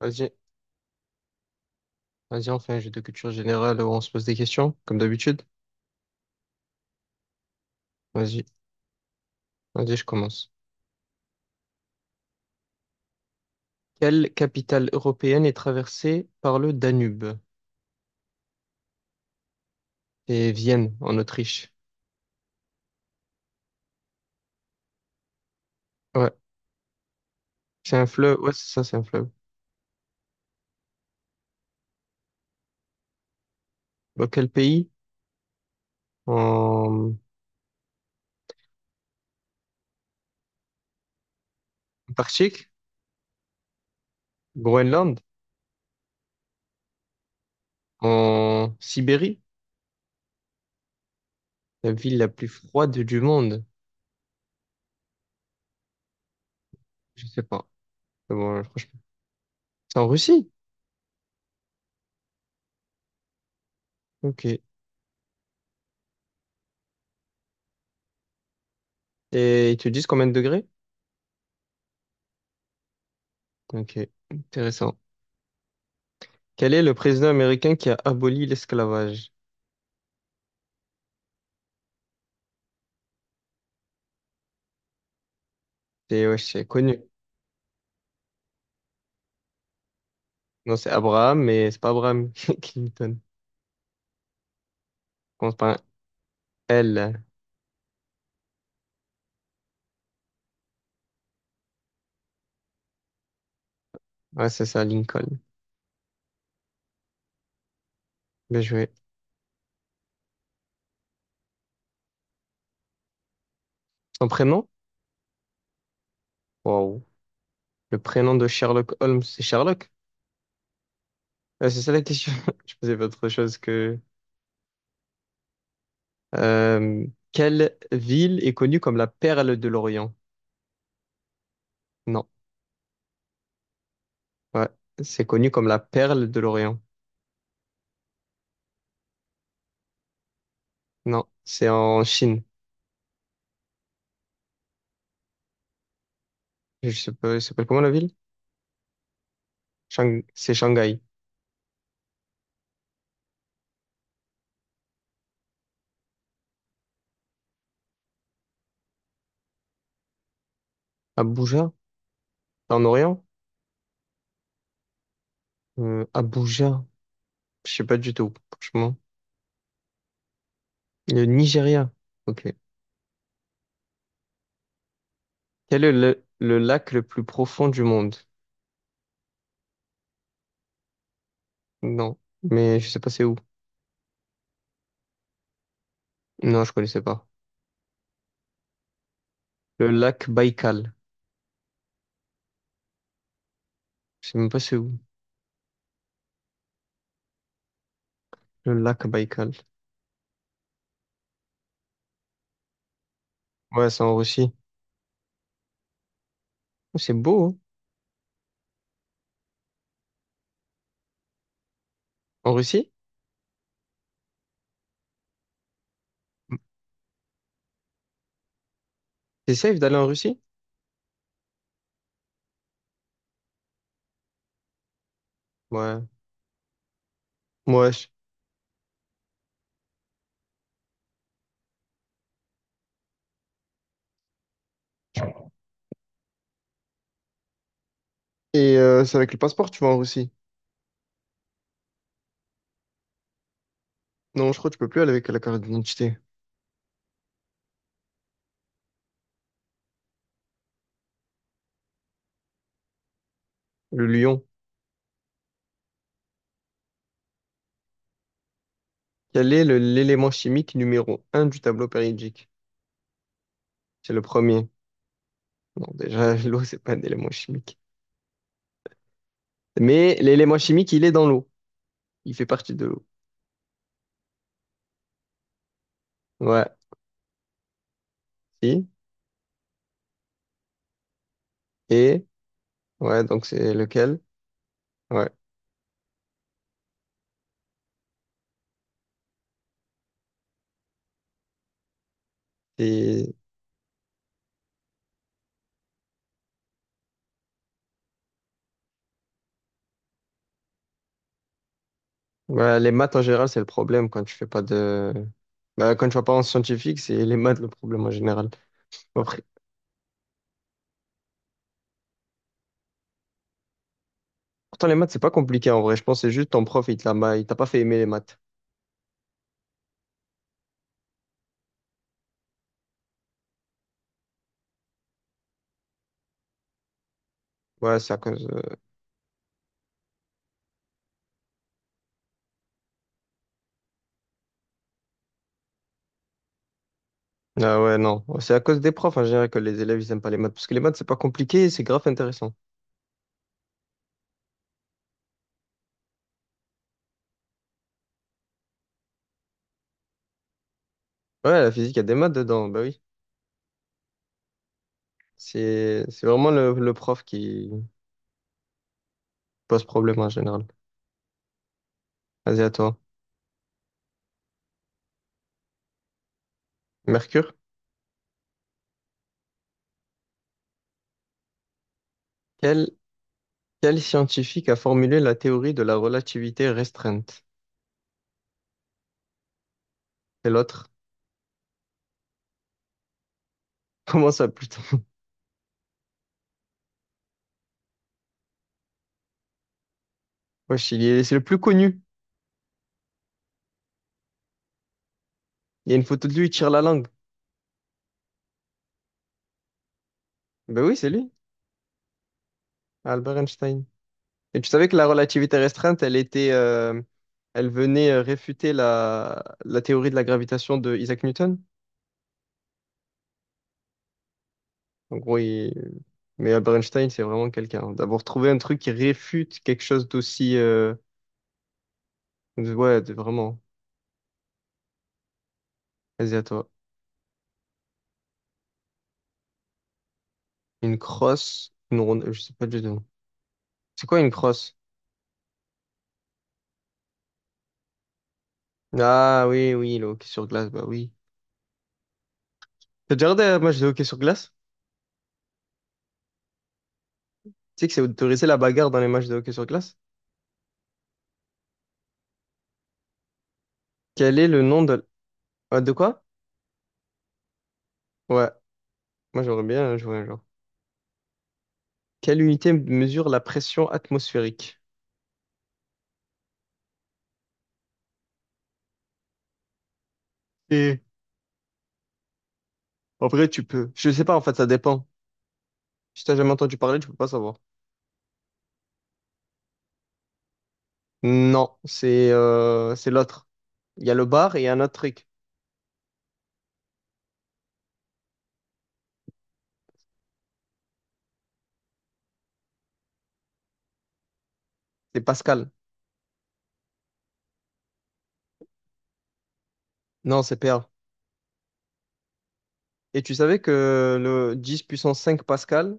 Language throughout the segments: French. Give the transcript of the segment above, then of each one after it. Vas-y, vas-y, on fait un jeu de culture générale où on se pose des questions, comme d'habitude. Vas-y, vas-y, je commence. Quelle capitale européenne est traversée par le Danube? C'est Vienne, en Autriche. Ouais, c'est un fleuve. Ouais, c'est ça, c'est un fleuve. Dans quel pays? En Antarctique? Groenland? En Sibérie? La ville la plus froide du monde? Je sais pas. C'est bon, franchement, c'est en Russie? Ok. Et ils te disent combien de degrés? Ok, intéressant. Quel est le président américain qui a aboli l'esclavage? C'est ouais, c'est connu. Non, c'est Abraham, mais c'est pas Abraham Clinton. On commence par un L. Ouais, c'est ça, Lincoln. Bien joué. Son prénom? Wow. Le prénom de Sherlock Holmes, c'est Sherlock? Ouais, c'est ça la question. Je pensais pas autre chose que... euh, quelle ville est connue comme la perle de l'Orient? Non. Ouais, c'est connu comme la perle de l'Orient. Non, c'est en Chine. Je sais pas, ça s'appelle comment la ville? C'est Shanghai. Abuja? En Orient? Abuja? Je sais pas du tout, franchement. Le Nigeria. Ok. Quel est le lac le plus profond du monde? Non. Mais je sais pas c'est où. Non, je connaissais pas. Le lac Baïkal. Je sais même pas c'est où. Le lac Baïkal. Ouais, c'est en Russie. Oh, c'est beau, hein? En Russie? C'est safe d'aller en Russie? Ouais. Ouais. Et c'est avec le passeport, tu vas en Russie. Non, je crois que tu peux plus aller avec la carte d'identité. Le lion. Quel est l'élément chimique numéro un du tableau périodique? C'est le premier. Non, déjà, l'eau, c'est pas un élément chimique. Mais l'élément chimique, il est dans l'eau. Il fait partie de l'eau. Ouais. Si. Et. Ouais, donc c'est lequel? Ouais. Et. Ouais, les maths en général, c'est le problème quand tu fais pas de. Bah, quand tu vas pas en scientifique, c'est les maths le problème en général. Après, pourtant, les maths, c'est pas compliqué en vrai. Je pense que c'est juste ton prof, il te l'a ma- il t'a pas fait aimer les maths. Ouais, c'est à cause. Ah ouais, non. C'est à cause des profs en général que les élèves, ils aiment pas les maths. Parce que les maths, c'est pas compliqué, et c'est grave intéressant. Ouais, la physique, il y a des maths dedans. Bah oui. C'est vraiment le prof qui pose problème en général. Vas-y, à toi. Mercure? Quel Quel scientifique a formulé la théorie de la relativité restreinte? C'est l'autre. Comment ça, plutôt? Wesh, il est- c'est le plus connu. Il y a une photo de lui, il tire la langue. Ben oui, c'est lui, Albert Einstein. Et tu savais que la relativité restreinte, elle était, elle venait réfuter la théorie de la gravitation de Isaac Newton? En gros, il- mais Albert Einstein, c'est vraiment quelqu'un. D'avoir trouvé un truc qui réfute quelque chose d'aussi, ouais, vraiment. Vas-y, à toi. Une crosse, une ronde, je sais pas du tout. C'est quoi une crosse? Ah oui, oui, le hockey sur glace, bah oui. T'as déjà regardé un match de hockey sur glace? Tu sais que c'est autorisé la bagarre dans les matchs de hockey sur glace? Quel est le nom de... Ah, de quoi? Ouais, moi j'aimerais bien jouer un jour. Quelle unité mesure la pression atmosphérique? Et en vrai, tu peux. Je sais pas, en fait, ça dépend. Si t'as jamais entendu parler, tu peux pas savoir. Non, c'est l'autre. Il y a le bar et il y a un autre truc. C'est Pascal. Non, c'est PA. Et tu savais que le 10 puissance 5 Pascal,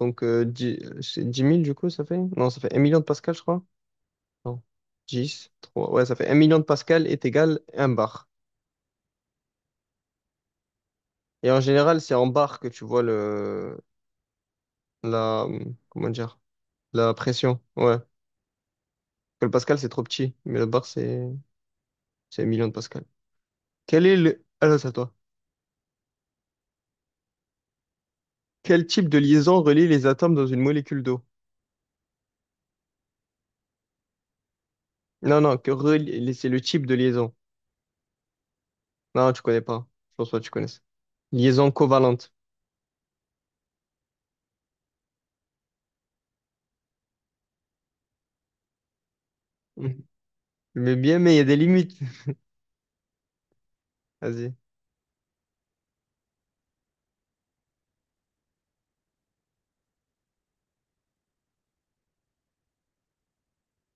donc, c'est 10 000 du coup, ça fait? Non, ça fait 1 million de pascal, je crois. Non. Dix trois, ouais, ça fait un million de pascal est égal à un bar. Et en général, c'est en bar que tu vois le, la, comment dire, la pression. Ouais. Que le pascal, c'est trop petit, mais le bar, c'est 1 million de pascal. Quel est le, alors, c'est à toi. Quel type de liaison relie les atomes dans une molécule d'eau? Non, non, c'est le type de liaison. Non, tu connais pas. Je pense pas que tu connaisses. Liaison covalente. Mhm. Mais bien, mais il y a des limites. Vas-y.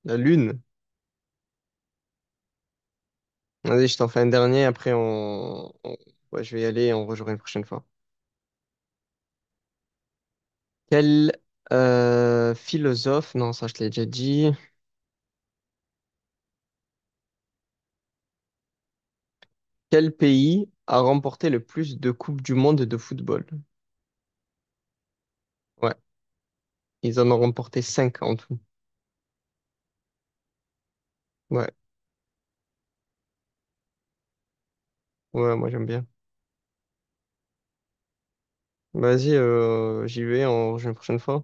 La lune. Vas-y, je t'en fais un dernier, après ouais, je vais y aller et on rejouera une prochaine fois. Quel philosophe, non, ça je te l'ai déjà dit. Quel pays a remporté le plus de coupes du monde de football? Ouais, ils en ont remporté 5 en tout. Ouais, ouais, moi j'aime bien. Vas-y, j'y vais, on rejoue une prochaine fois.